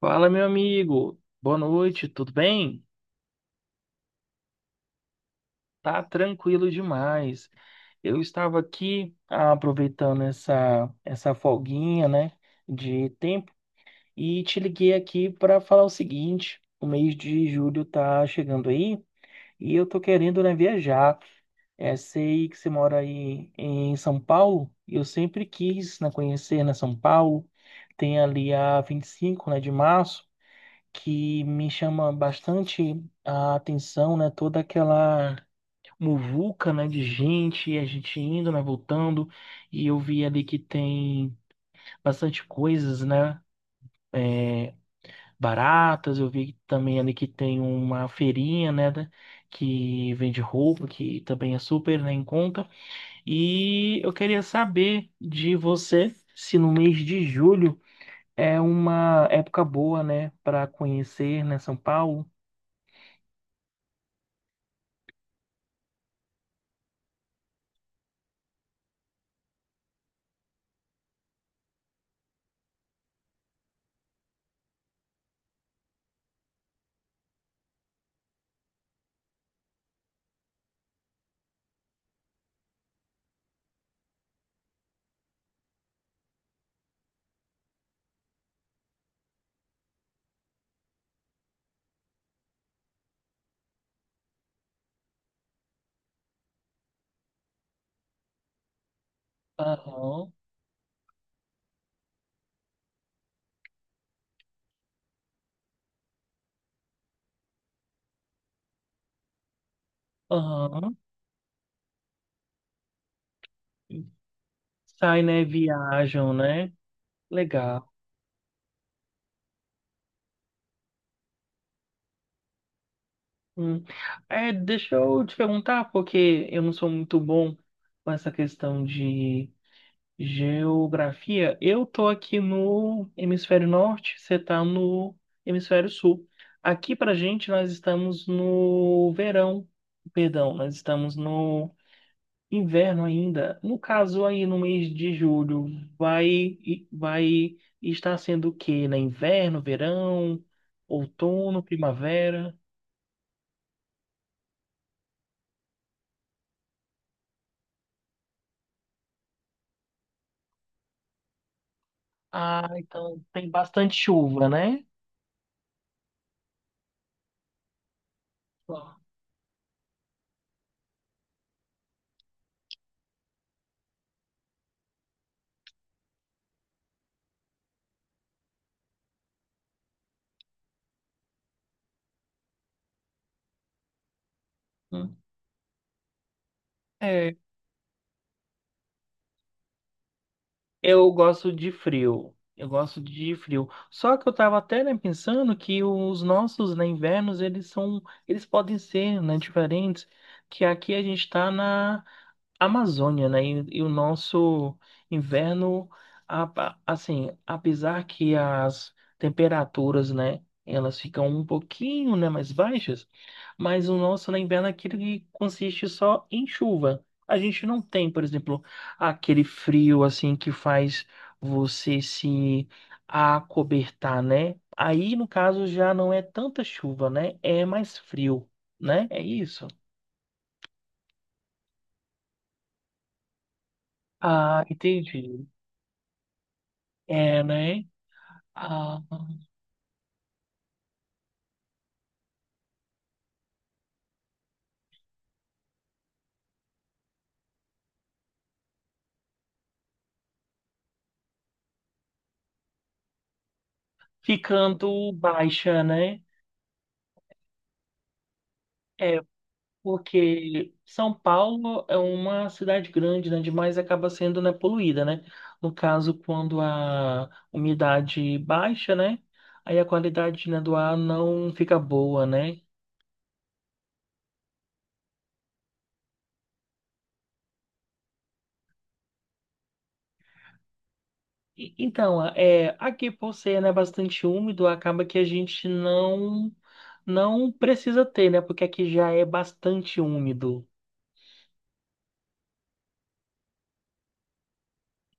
Fala, meu amigo. Boa noite, tudo bem? Tá tranquilo demais. Eu estava aqui aproveitando essa folguinha, né, de tempo e te liguei aqui para falar o seguinte: o mês de julho tá chegando aí e eu tô querendo, né, viajar. É, sei que você mora aí em São Paulo e eu sempre quis, né, conhecer, né, São Paulo. Tem ali a 25, né, de março. Que me chama bastante a atenção, né? Toda aquela muvuca, né, de gente, a gente indo, né, voltando, e eu vi ali que tem bastante coisas, né, é, baratas. Eu vi também ali que tem uma feirinha, né, que vende roupa, que também é super, né, em conta, e eu queria saber de você se no mês de julho é uma época boa, né, para conhecer, né, São Paulo. Aham, aham. Sai, né? Viajam, né? Legal. Hum. É, deixa eu te perguntar, porque eu não sou muito bom com essa questão de geografia. Eu tô aqui no hemisfério norte, você tá no hemisfério sul. Aqui pra gente, nós estamos no verão. Perdão, nós estamos no inverno ainda. No caso, aí no mês de julho, vai, vai estar sendo o quê? Né? Inverno, verão, outono, primavera? Ah, então tem bastante chuva, né? Hum. É, eu gosto de frio. Eu gosto de frio. Só que eu tava até, né, pensando que os nossos, né, invernos, eles são, eles podem ser, né, diferentes, que aqui a gente tá na Amazônia, né? E o nosso inverno, a- assim, apesar que as temperaturas, né, elas ficam um pouquinho, né, mais baixas, mas o nosso na inverno é aquele que consiste só em chuva. A gente não tem, por exemplo, aquele frio assim que faz você se acobertar, né? Aí, no caso, já não é tanta chuva, né? É mais frio, né? É isso. Ah, entendi. É, né? Ah, ficando baixa, né? É, porque São Paulo é uma cidade grande, né? Demais acaba sendo, né, poluída, né? No caso, quando a umidade baixa, né? Aí a qualidade, né, do ar não fica boa, né? Então, é, aqui por ser, né, bastante úmido, acaba que a gente não precisa ter, né? Porque aqui já é bastante úmido.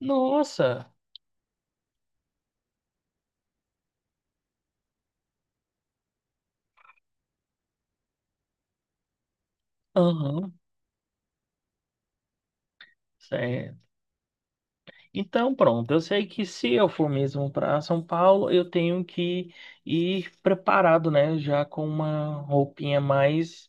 Nossa! Aham. Então, pronto, eu sei que se eu for mesmo para São Paulo, eu tenho que ir preparado, né? Já com uma roupinha mais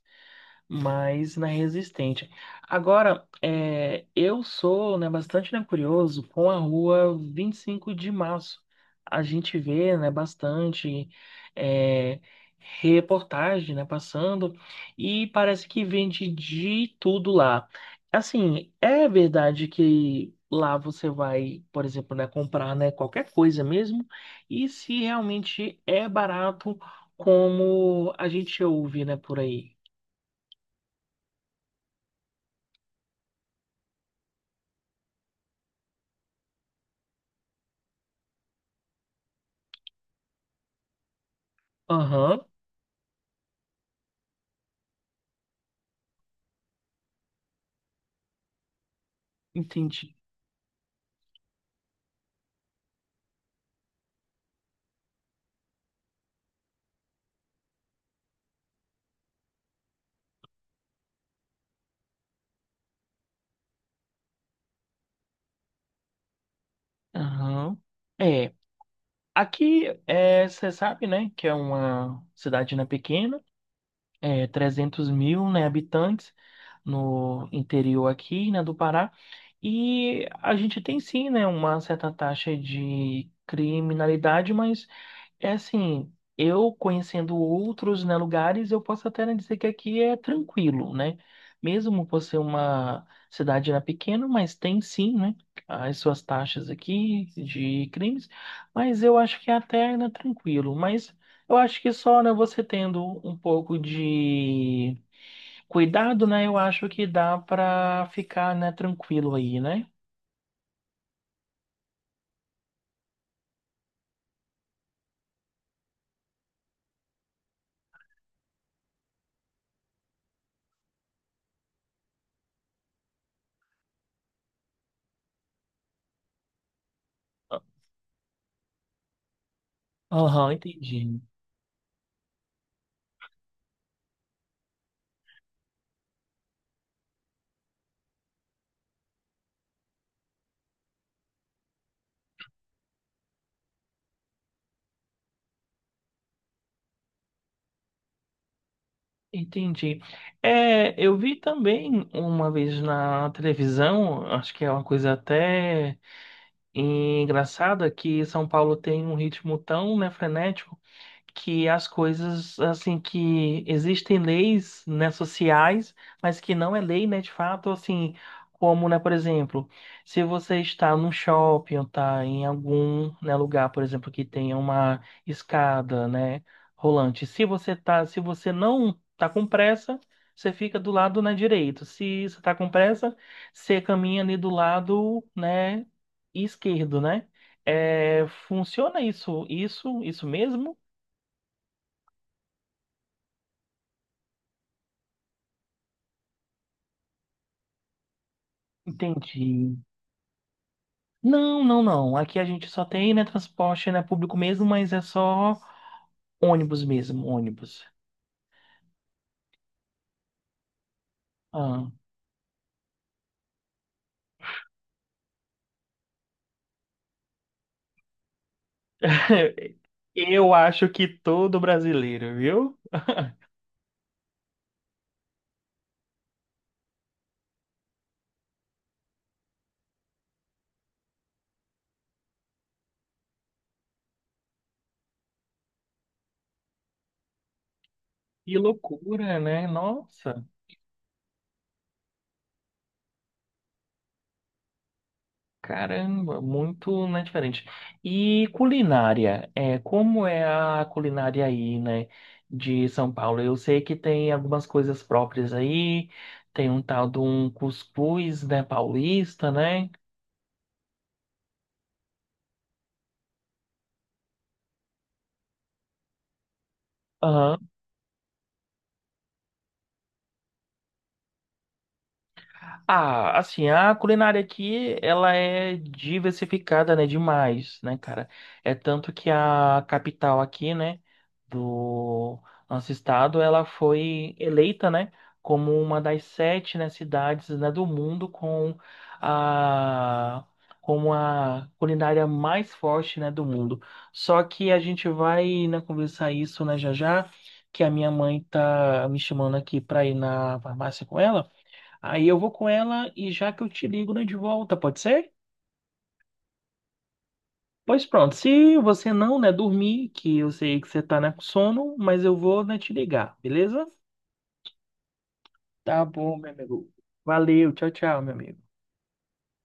mas na resistente. Agora, é, eu sou, né, bastante, né, curioso com a rua 25 de março. A gente vê, né, bastante é, reportagem, né, passando e parece que vende de tudo lá. Assim, é verdade que lá você vai, por exemplo, né, comprar, né, qualquer coisa mesmo e se realmente é barato como a gente ouve, né, por aí. Aham. Entendi. Aham. É, aqui é, você sabe, né, que é uma cidade né, pequena, é 300 mil, né, habitantes no interior aqui, né, do Pará, e a gente tem sim, né, uma certa taxa de criminalidade, mas é assim, eu conhecendo outros, né, lugares, eu posso até né, dizer que aqui é tranquilo, né? Mesmo por ser uma cidade né, pequena, mas tem sim, né, as suas taxas aqui de crimes, mas eu acho que é até né, tranquilo. Mas eu acho que só, né, você tendo um pouco de cuidado, né, eu acho que dá para ficar, né, tranquilo aí, né? Aham, entendi. Entendi. É, eu vi também uma vez na televisão, acho que é uma coisa até. E engraçado é que São Paulo tem um ritmo tão, né, frenético que as coisas, assim, que existem leis, né, sociais, mas que não é lei, né, de fato, assim, como, né, por exemplo, se você está num shopping ou está em algum, né, lugar, por exemplo, que tenha uma escada, né, rolante, se você tá, se você não tá com pressa, você fica do lado, né, direito. Se você tá com pressa, você caminha ali do lado, né, esquerdo, né? É, funciona isso, isso, isso mesmo? Entendi. Não, não, não. Aqui a gente só tem, né, transporte, né, público mesmo, mas é só ônibus mesmo, ônibus. Ah. Eu acho que todo brasileiro, viu? Que loucura, né? Nossa. Caramba, muito, né, diferente. E culinária, é, como é a culinária aí, né, de São Paulo? Eu sei que tem algumas coisas próprias aí, tem um tal de um cuscuz, né, paulista, né? Aham. Ah, assim, a culinária aqui, ela é diversificada, né, demais, né, cara? É tanto que a capital aqui, né, do nosso estado, ela foi eleita, né, como uma das sete, né, cidades, né, do mundo com a como a culinária mais forte, né, do mundo. Só que a gente vai, né, conversar isso, né, já já, que a minha mãe tá me chamando aqui para ir na farmácia com ela. Aí eu vou com ela e já que eu te ligo, né, de volta, pode ser? Pois pronto, se você não, né, dormir, que eu sei que você tá, né, com sono, mas eu vou, né, te ligar, beleza? Tá bom, meu amigo. Valeu, tchau, tchau, meu amigo.